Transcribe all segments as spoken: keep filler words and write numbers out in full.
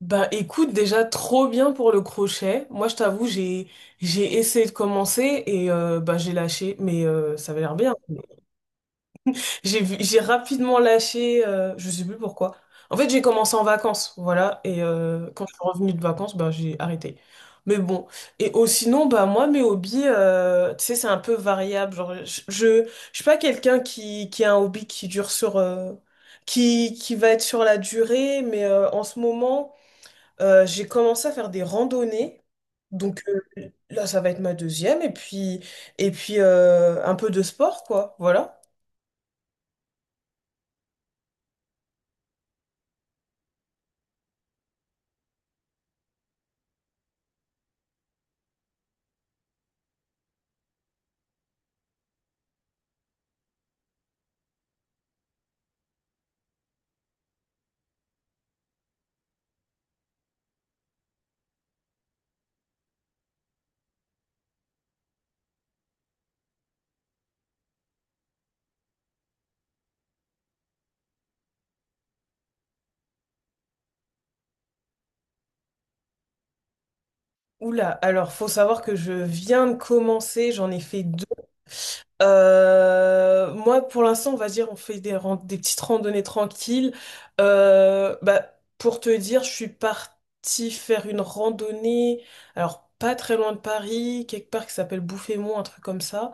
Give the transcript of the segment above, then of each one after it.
Bah écoute, déjà trop bien pour le crochet. Moi je t'avoue, j'ai j'ai essayé de commencer et euh, bah j'ai lâché, mais euh, ça avait l'air bien. J'ai vu- j'ai rapidement lâché, euh, je sais plus pourquoi. En fait, j'ai commencé en vacances, voilà, et euh, quand je suis revenue de vacances, bah j'ai arrêté. Mais bon, et oh, sinon, bah moi mes hobbies, euh, tu sais, c'est un peu variable. Genre, je je, je suis pas quelqu'un qui qui a un hobby qui dure sur euh, qui qui va être sur la durée, mais euh, en ce moment. Euh, j'ai commencé à faire des randonnées. Donc euh, là, ça va être ma deuxième. Et puis, et puis euh, un peu de sport, quoi. Voilà. Oula, alors faut savoir que je viens de commencer, j'en ai fait deux. Euh, moi, pour l'instant, on va dire, on fait des, ran- des petites randonnées tranquilles. Euh, bah, pour te dire, je suis partie faire une randonnée, alors pas très loin de Paris, quelque part qui s'appelle Bouffémont, un truc comme ça.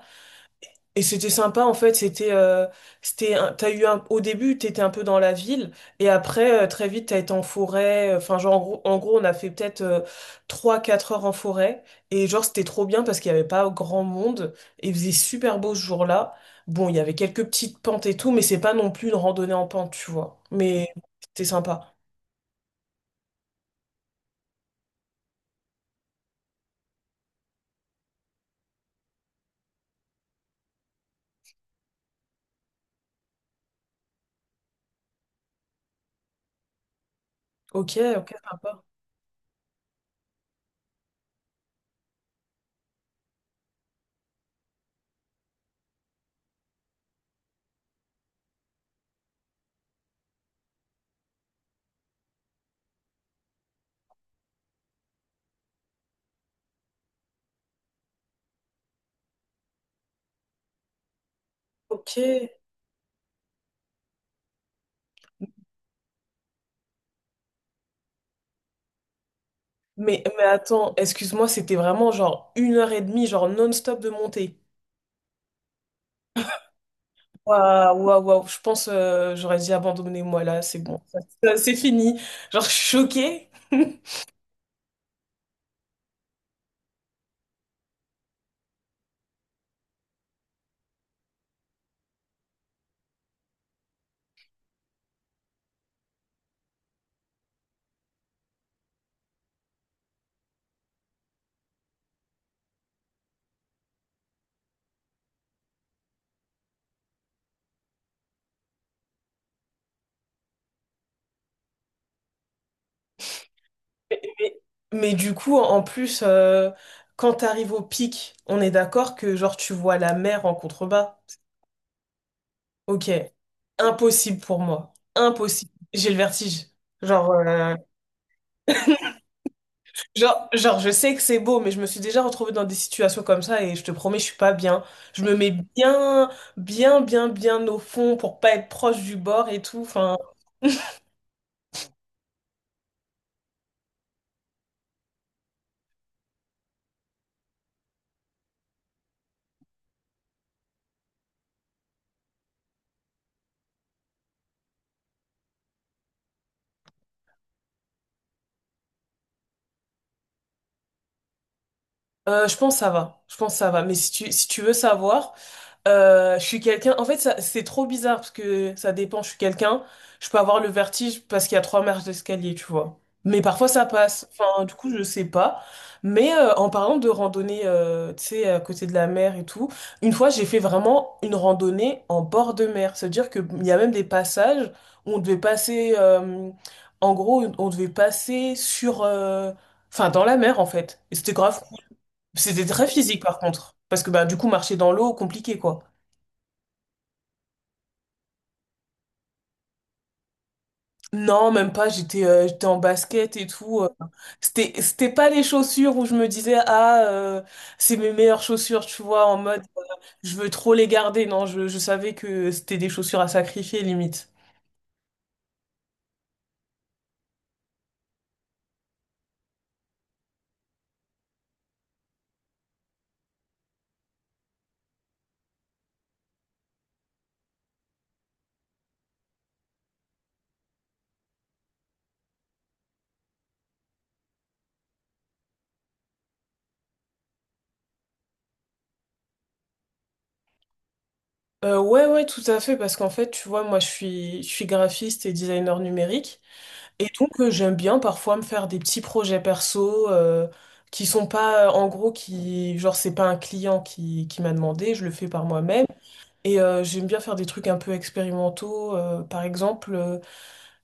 Et c'était sympa en fait, c'était euh, c'était un- t'as eu un, au début t'étais un peu dans la ville et après euh, très vite t'as été en forêt, euh, enfin genre en gros, en gros on a fait peut-être euh, trois quatre heures en forêt et genre c'était trop bien parce qu'il n'y avait pas grand monde et il faisait super beau ce jour-là. Bon, il y avait quelques petites pentes et tout, mais c'est pas non plus une randonnée en pente, tu vois. Mais c'était sympa. OK, OK, sympa. OK. Mais, mais attends, excuse-moi, c'était vraiment genre une heure et demie, genre non-stop de montée. Waouh, waouh, waouh. Je pense euh, j'aurais dit abandonner moi là, c'est bon. Ça- ça- C'est fini. Genre, je suis choquée. Mais, mais mais du coup, en plus, euh, quand t'arrives au pic, on est d'accord que genre tu vois la mer en contrebas. Ok. Impossible pour moi. Impossible. J'ai le vertige. Genre, euh, genre, genre, je sais que c'est beau, mais je me suis déjà retrouvée dans des situations comme ça et je te promets, je suis pas bien. Je me mets bien, bien, bien, bien au fond pour pas être proche du bord et tout. Enfin, Euh, je pense que ça va. Je pense que ça va. Mais si tu, si tu veux savoir, euh, je suis quelqu'un. En fait, ça- c'est trop bizarre parce que ça dépend. Je suis quelqu'un. Je peux avoir le vertige parce qu'il y a trois marches d'escalier, tu vois. Mais parfois ça passe. Enfin, du coup, je sais pas. Mais euh, en parlant de randonnée, euh, tu sais, à côté de la mer et tout, une fois, j'ai fait vraiment une randonnée en bord de mer. C'est-à-dire qu'il y a même des passages où on devait passer. Euh, en gros, on devait passer sur. euh, Enfin, dans la mer, en fait. Et c'était grave, c'était très physique par contre. Parce que bah, du coup, marcher dans l'eau, compliqué quoi. Non, même pas, j'étais euh, j'étais en basket et tout. euh. C'était, c'était pas les chaussures où je me disais, ah, euh, c'est mes meilleures chaussures, tu vois, en mode, je veux trop les garder. Non, je, je savais que c'était des chaussures à sacrifier limite. Euh, ouais, ouais, tout à fait, parce qu'en fait, tu vois, moi, je suis, je suis graphiste et designer numérique. Et donc, euh, j'aime bien parfois me faire des petits projets perso euh, qui sont pas, euh, en gros, qui, genre, c'est pas un client qui, qui m'a demandé, je le fais par moi-même. Et euh, j'aime bien faire des trucs un peu expérimentaux. euh, par exemple, euh,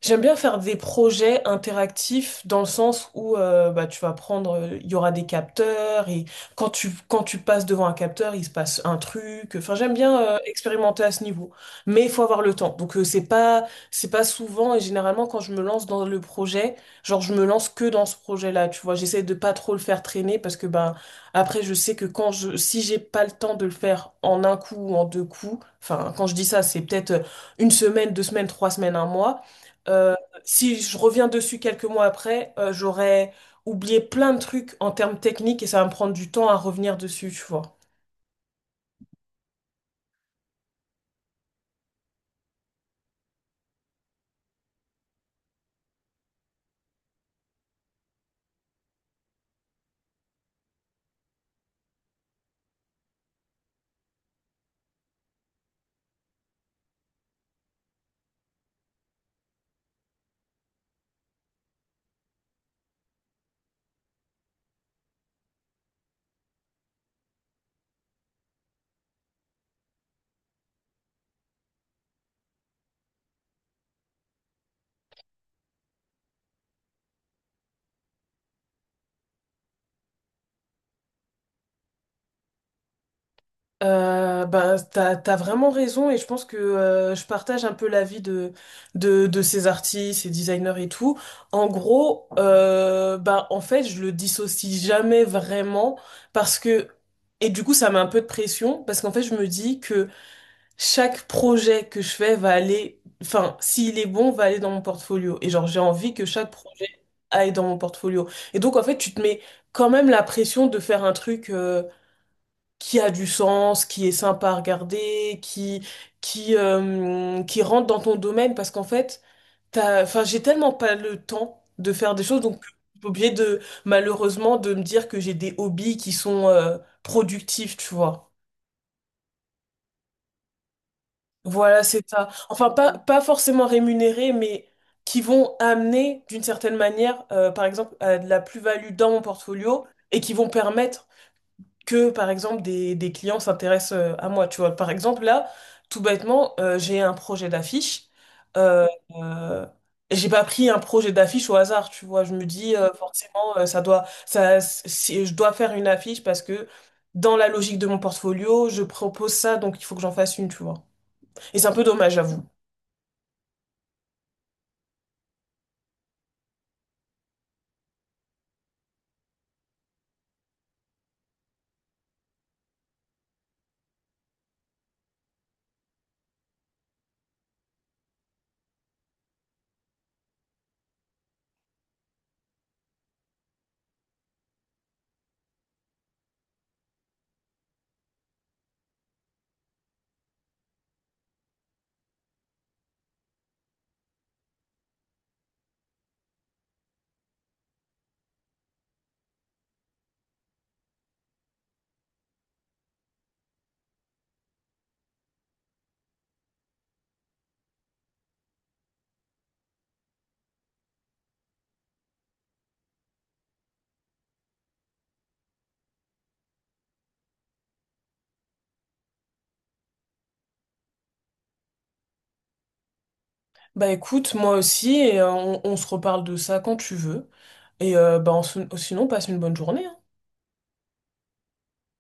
j'aime bien faire des projets interactifs dans le sens où euh, bah, tu vas prendre, euh, il y aura des capteurs et quand tu, quand tu passes devant un capteur, il se passe un truc. Enfin, j'aime bien euh, expérimenter à ce niveau, mais il faut avoir le temps. Donc euh, c'est pas c'est pas souvent et généralement quand je me lance dans le projet, genre je me lance que dans ce projet-là. Tu vois, j'essaie de pas trop le faire traîner parce que ben après je sais que quand je si j'ai pas le temps de le faire en un coup ou en deux coups, enfin quand je dis ça c'est peut-être une semaine, deux semaines, trois semaines, un mois. Euh, Si je reviens dessus quelques mois après, euh, j'aurais oublié plein de trucs en termes techniques et ça va me prendre du temps à revenir dessus, tu vois. Euh, bah, t'as, t'as vraiment raison et je pense que euh, je partage un peu l'avis de, de, de ces artistes, ces designers et tout. En gros, euh, bah, en fait, je le dissocie jamais vraiment parce que, et du coup, ça met un peu de pression parce qu'en fait, je me dis que chaque projet que je fais va aller, enfin, s'il est bon, va aller dans mon portfolio. Et genre, j'ai envie que chaque projet aille dans mon portfolio. Et donc, en fait, tu te mets quand même la pression de faire un truc. Euh, qui a du sens, qui est sympa à regarder, qui, qui, euh, qui rentre dans ton domaine parce qu'en fait, t'as, enfin, j'ai tellement pas le temps de faire des choses, donc j'ai oublié de, malheureusement, de me dire que j'ai des hobbies qui sont euh, productifs, tu vois. Voilà, c'est ça. Enfin, pas, pas forcément rémunérés, mais qui vont amener d'une certaine manière, euh, par exemple, à de la plus-value dans mon portfolio et qui vont permettre que, par exemple, des, des clients s'intéressent euh, à moi. Tu vois, par exemple, là, tout bêtement, euh, j'ai un projet d'affiche. Euh, euh, j'ai pas pris un projet d'affiche au hasard, tu vois. Je me dis, euh, forcément, euh, ça doit, ça, si, je dois faire une affiche parce que dans la logique de mon portfolio, je propose ça, donc il faut que j'en fasse une, tu vois. Et c'est un peu dommage, j'avoue. Bah écoute, moi aussi, et euh, on, on se reparle de ça quand tu veux. Et euh, bah, en- sinon, passe une bonne journée, hein.